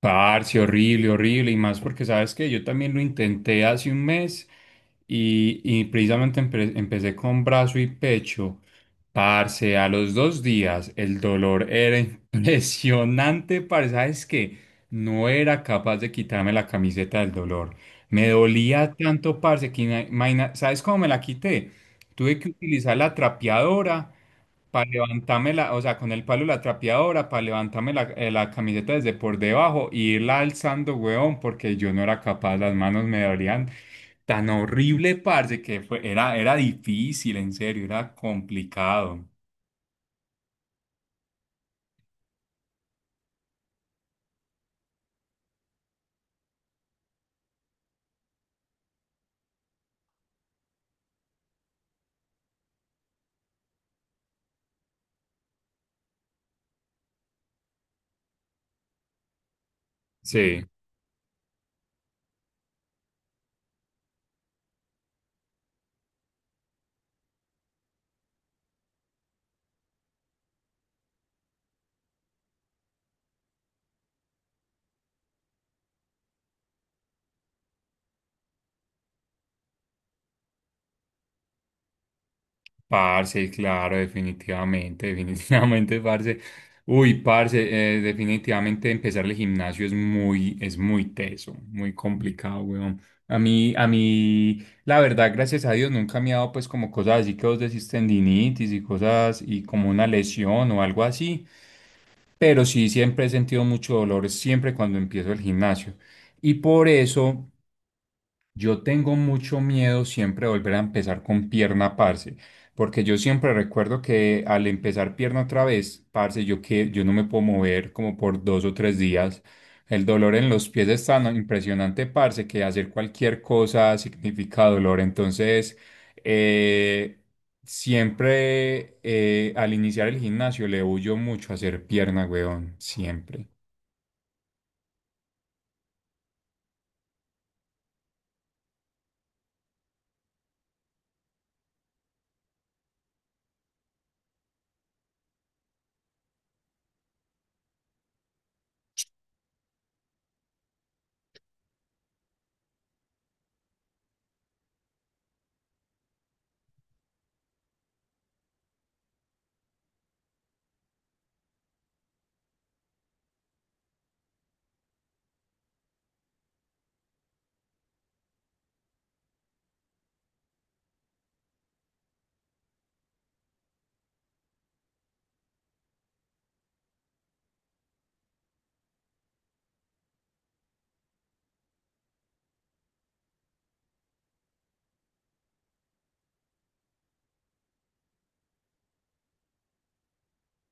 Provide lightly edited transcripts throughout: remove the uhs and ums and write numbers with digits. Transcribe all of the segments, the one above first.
Parce, horrible, horrible, y más porque sabes que yo también lo intenté hace un mes y precisamente empecé con brazo y pecho. Parce, a los dos días el dolor era impresionante, parce, sabes que no era capaz de quitarme la camiseta del dolor. Me dolía tanto, parce, que ¿sabes cómo me la quité? Tuve que utilizar la trapeadora para levantarme la, o sea, con el palo de la trapeadora, para levantarme la, la camiseta desde por debajo y irla alzando, weón, porque yo no era capaz, las manos me dolían tan horrible, parce, que era difícil, en serio, era complicado. Sí. Parce, claro, definitivamente, definitivamente, parce. Uy, parce, definitivamente empezar el gimnasio es muy teso, muy complicado, weón. A mí, la verdad, gracias a Dios, nunca me ha dado pues como cosas así que vos decís tendinitis y cosas y como una lesión o algo así, pero sí, siempre he sentido mucho dolor, siempre cuando empiezo el gimnasio. Y por eso... Yo tengo mucho miedo siempre de volver a empezar con pierna, parce, porque yo siempre recuerdo que al empezar pierna otra vez, parce, yo no me puedo mover como por 2 o 3 días. El dolor en los pies es tan impresionante, parce, que hacer cualquier cosa significa dolor. Entonces, eh, siempre al iniciar el gimnasio le huyo mucho a hacer pierna, weón, siempre.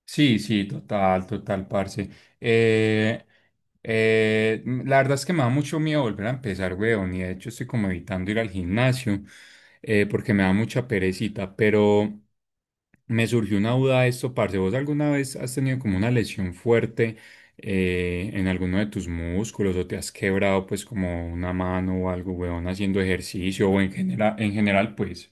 Sí, sí, total, total, parce. Eh, la verdad es que me da mucho miedo volver a empezar, weón, y de hecho estoy como evitando ir al gimnasio porque me da mucha perecita, pero me surgió una duda de esto, parce. ¿Vos alguna vez has tenido como una lesión fuerte en alguno de tus músculos o te has quebrado pues como una mano o algo, weón, haciendo ejercicio o en general pues?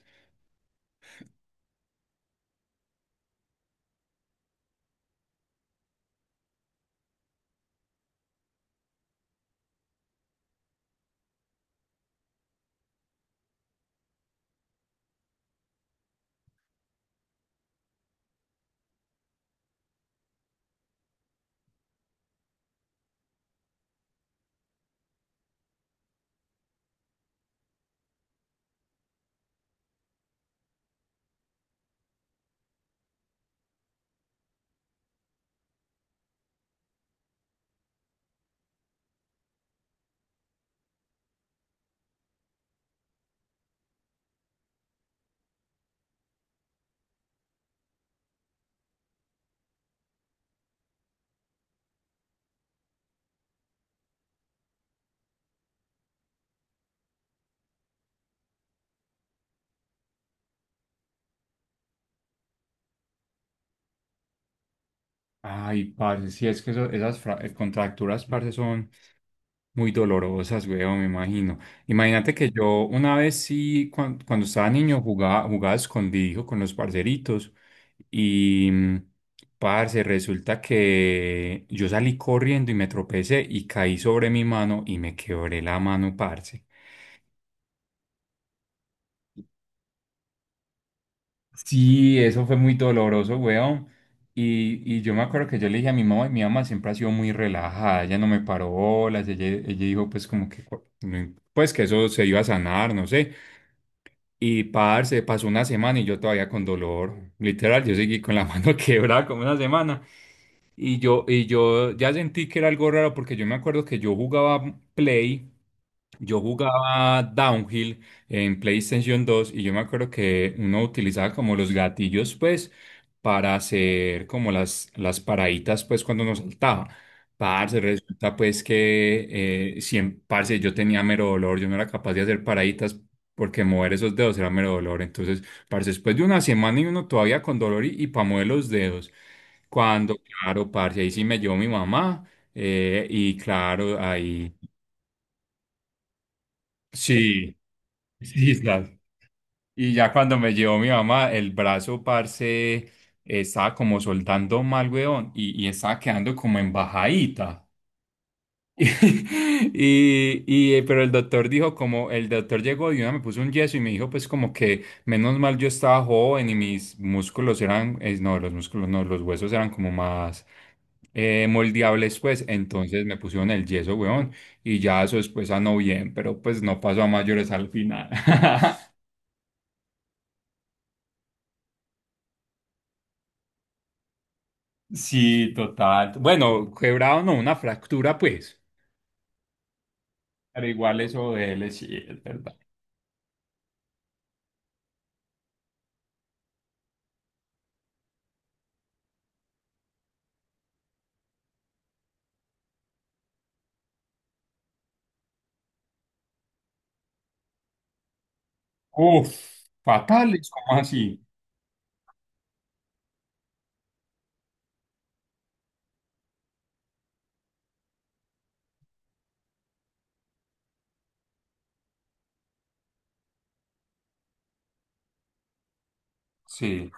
Ay, parce, sí, es que contracturas, parce, son... Muy dolorosas, weón, me imagino. Imagínate que yo una vez sí, cuando, estaba niño, jugaba escondido con los parceritos y parce, resulta que yo salí corriendo y me tropecé y caí sobre mi mano y me quebré la mano, parce. Sí, eso fue muy doloroso, weón. Y yo me acuerdo que yo le dije a mi mamá, y mi mamá siempre ha sido muy relajada, ella no me paró bolas, ella dijo pues como que, cu- no im- pues que eso se iba a sanar, no sé. Y parce, pasó una semana y yo todavía con dolor. Literal, yo seguí con la mano quebrada como una semana. Y yo ya sentí que era algo raro porque yo me acuerdo que yo jugaba Play. Yo jugaba Downhill en PlayStation 2 y yo me acuerdo que uno utilizaba como los gatillos, pues, para hacer como las paraditas, pues, cuando uno saltaba. Parce, resulta pues que parce, yo tenía mero dolor, yo no era capaz de hacer paraditas porque mover esos dedos era mero dolor. Entonces, parce, después de una semana y uno todavía con dolor y para mover los dedos. Cuando, claro, parce, ahí sí me llevó mi mamá y claro, ahí sí. Sí, ya. Y ya cuando me llevó mi mamá, el brazo, parce, eh, estaba como soltando mal, weón, y estaba quedando como embajadita. Pero el doctor dijo como, el doctor llegó y una me puso un yeso y me dijo pues como que menos mal yo estaba joven y mis músculos eran, no, los músculos no, los huesos eran como más moldeables pues, entonces me pusieron el yeso, weón, y ya eso después no bien, pero pues no pasó a mayores al final. Sí, total. Bueno, quebrado no, una fractura, pues. Pero igual eso de él, sí, es verdad. Uf, fatales, ¿cómo así? Sí,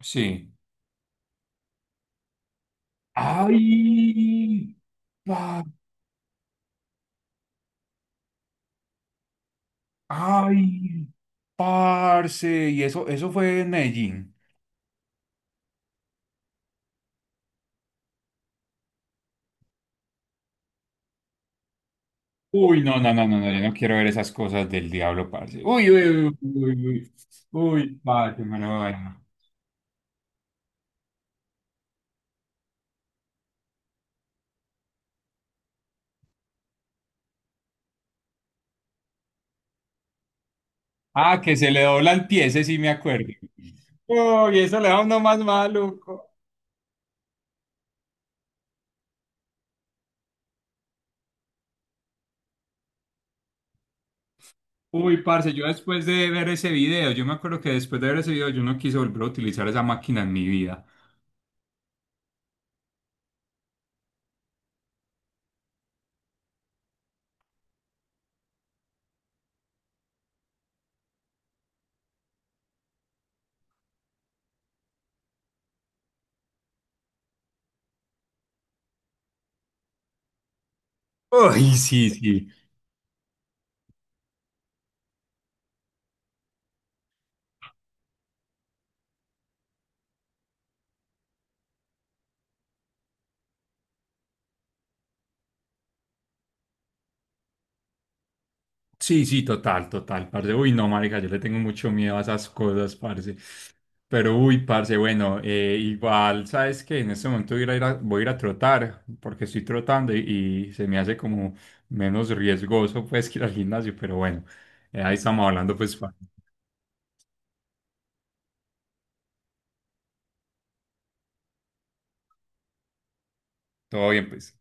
sí. Ay, pa- ay, parce. Y eso fue en Medellín. Uy, no, no, no, no, no, yo no quiero ver esas cosas del diablo, parce. Uy, uy, uy, uy, uy, uy, parce, me lo bueno. Ah, que se le doblan pies, ese sí me acuerdo. Uy, eso le da uno más maluco. Uy, parce, yo después de ver ese video, yo me acuerdo que después de ver ese video yo no quise volver a utilizar esa máquina en mi vida. Uy, sí, sí. Sí, sí, total, total, parce. Uy, no, marica, yo le tengo mucho miedo a esas cosas, parce. Pero, uy, parce, bueno, igual, ¿sabes que en este momento voy a ir a, voy a ir a trotar, porque estoy trotando y se me hace como menos riesgoso, pues, que ir al gimnasio? Pero bueno, ahí estamos hablando, pues, parce. Todo bien, pues.